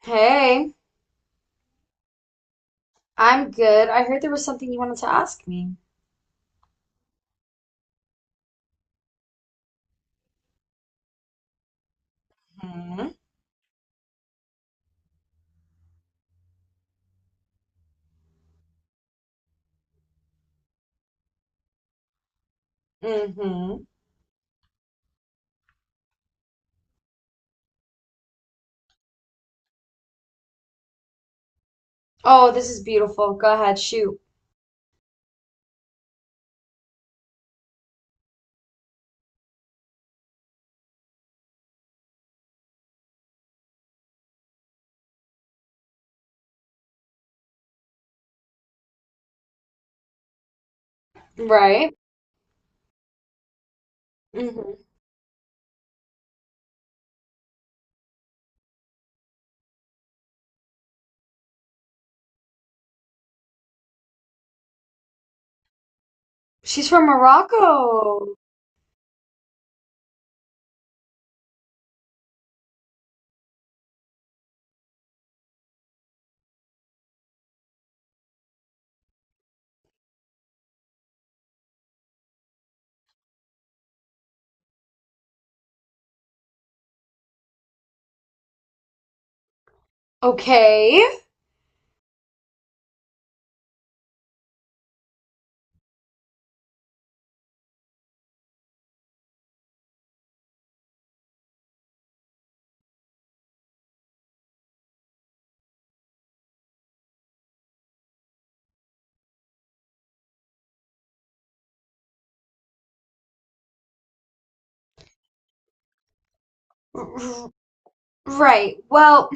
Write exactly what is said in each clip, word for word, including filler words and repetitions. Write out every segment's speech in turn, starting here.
Hey, I'm good. I heard there was something you wanted to ask me. hmm Mm-hmm. Oh, this is beautiful. Go ahead, shoot. Right? Mm-hmm. She's from Morocco. Okay. R- right. Well,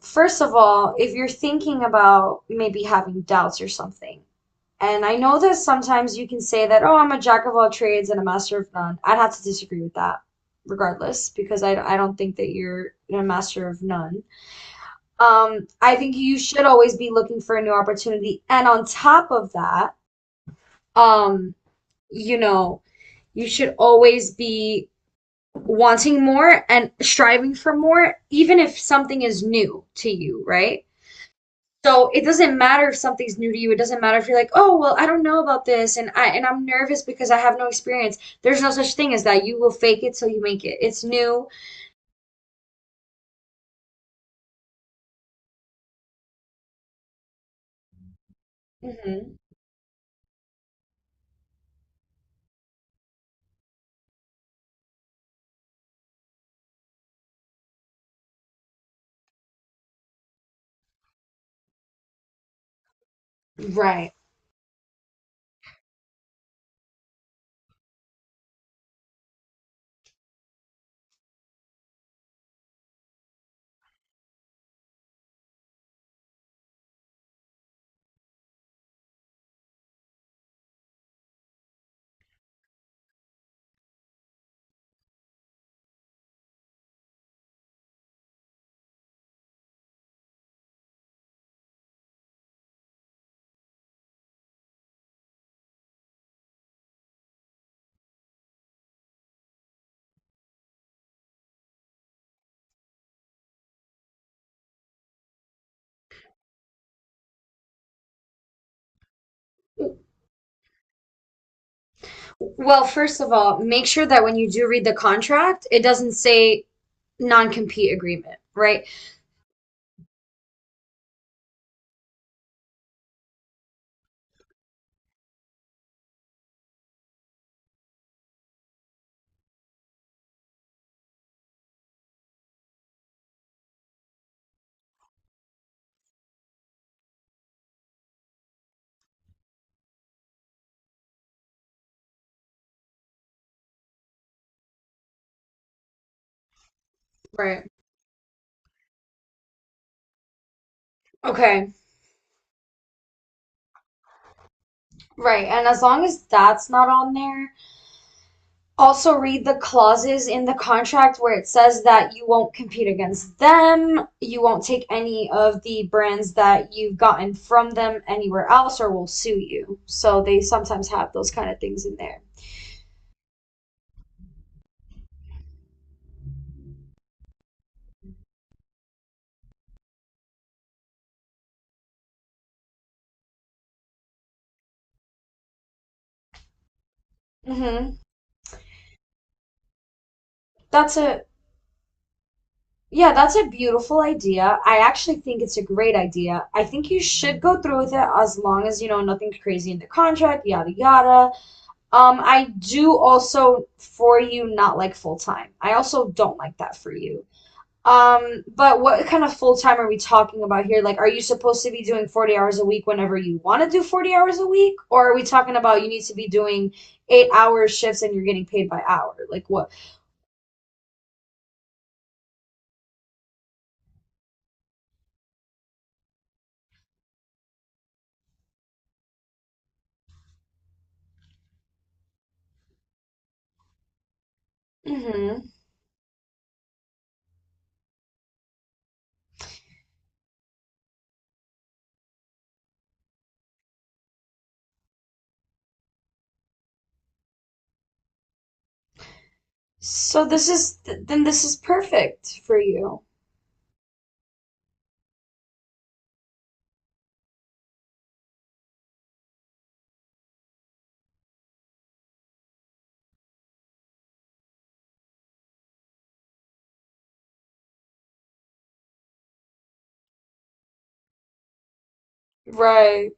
first of all, if you're thinking about maybe having doubts or something, and I know that sometimes you can say that, oh, I'm a jack of all trades and a master of none. I'd have to disagree with that, regardless, because I, I don't think that you're a master of none. Um, I think you should always be looking for a new opportunity. And on top of that, um, you know, you should always be wanting more and striving for more, even if something is new to you, right? So it doesn't matter if something's new to you. It doesn't matter if you're like, oh, well, I don't know about this and I and I'm nervous because I have no experience. There's no such thing as that. You will fake it till you make it. It's new. hmm Right. Well, first of all, make sure that when you do read the contract, it doesn't say non-compete agreement, right? Right. Okay, right. And as long as that's not on there, also read the clauses in the contract where it says that you won't compete against them, you won't take any of the brands that you've gotten from them anywhere else, or will sue you. So they sometimes have those kind of things in there. hmm That's it. Yeah, that's a beautiful idea. I actually think it's a great idea. I think you should go through with it as long as, you know, nothing's crazy in the contract, yada yada. Um, I do also for you not like full time. I also don't like that for you. Um, but what kind of full time are we talking about here? Like, are you supposed to be doing forty hours a week whenever you want to do forty hours a week? Or are we talking about you need to be doing eight hour shifts and you're getting paid by hour? Like, what? hmm So this is th- then this is perfect for you. Right.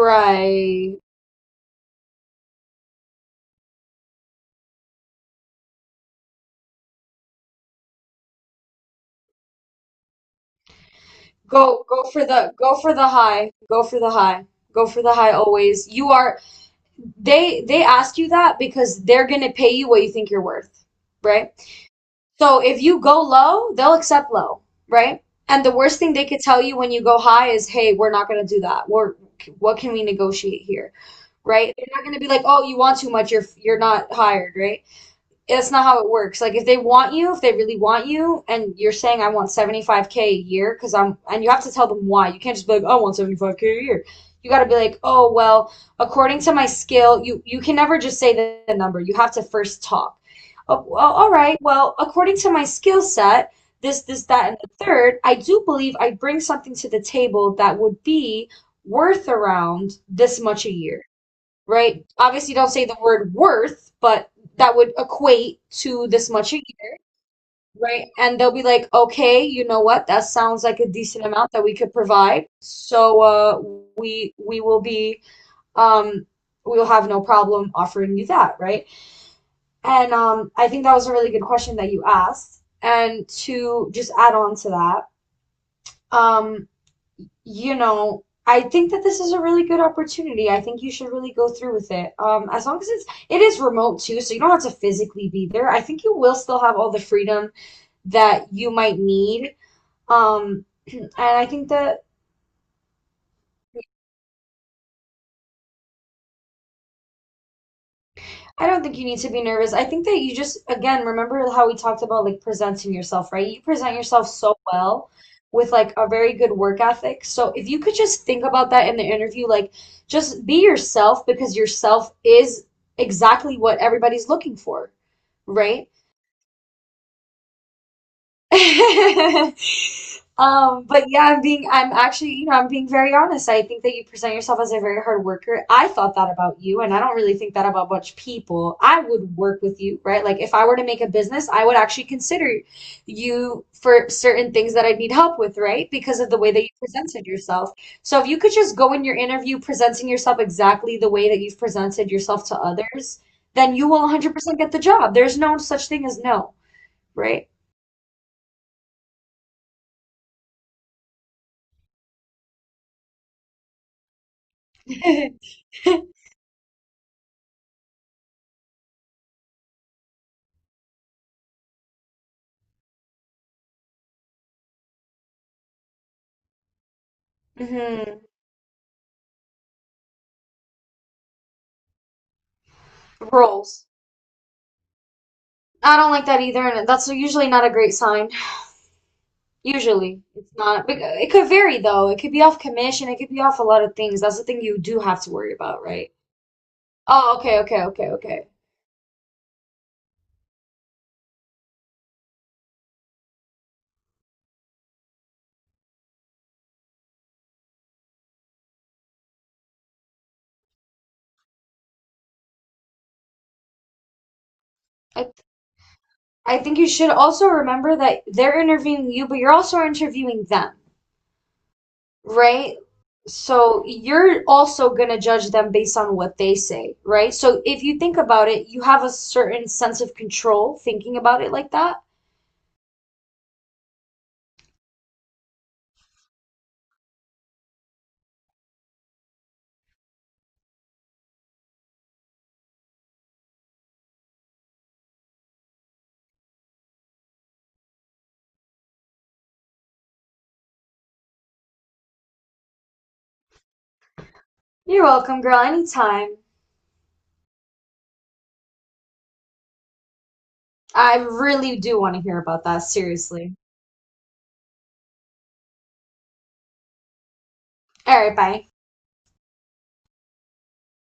Right. Go go for the go for the high. Go for the high. Go for the high always. You are they they ask you that because they're gonna pay you what you think you're worth, right? So if you go low, they'll accept low, right? And the worst thing they could tell you when you go high is, "Hey, we're not gonna do that. We're what can we negotiate here?" Right? They're not gonna be like, "Oh, you want too much. You're you're not hired," right? That's not how it works. Like if they want you, if they really want you, and you're saying I want seventy-five k a year because I'm, and you have to tell them why. You can't just be like "Oh, I want seventy-five k a year. You got to be like, oh well, according to my skill, you you can never just say the, the number. You have to first talk. Oh, well, all right. Well, according to my skill set, this this that and the third, I do believe I bring something to the table that would be worth around this much a year, right? Obviously, don't say the word worth, but that would equate to this much a year, right? And they'll be like, okay, you know what? That sounds like a decent amount that we could provide. So uh, we we will be um, we'll have no problem offering you that, right? And um, I think that was a really good question that you asked. And to just add on to that, um, you know, I think that this is a really good opportunity. I think you should really go through with it. Um, as long as it's it is remote too, so you don't have to physically be there. I think you will still have all the freedom that you might need. Um, and I think that I don't think you need to be nervous. I think that you just, again, remember how we talked about like presenting yourself, right? You present yourself so well with like a very good work ethic. So if you could just think about that in the interview, like just be yourself because yourself is exactly what everybody's looking for, right? Um, but yeah, I'm being, I'm actually, you know, I'm being very honest. I think that you present yourself as a very hard worker. I thought that about you, and I don't really think that about much people. I would work with you, right? Like if I were to make a business, I would actually consider you for certain things that I need help with, right? Because of the way that you presented yourself. So if you could just go in your interview presenting yourself exactly the way that you've presented yourself to others, then you will one hundred percent get the job. There's no such thing as no, right? hmm Rolls. I don't like that either, and that's usually not a great sign. Usually, it's not. Bec- It could vary though. It could be off commission. It could be off a lot of things. That's the thing you do have to worry about, right? Oh, okay, okay, okay, okay. I th I think you should also remember that they're interviewing you, but you're also interviewing them, right? So you're also gonna judge them based on what they say, right? So if you think about it, you have a certain sense of control thinking about it like that. You're welcome, girl, anytime. I really do want to hear about that, seriously. All right, bye.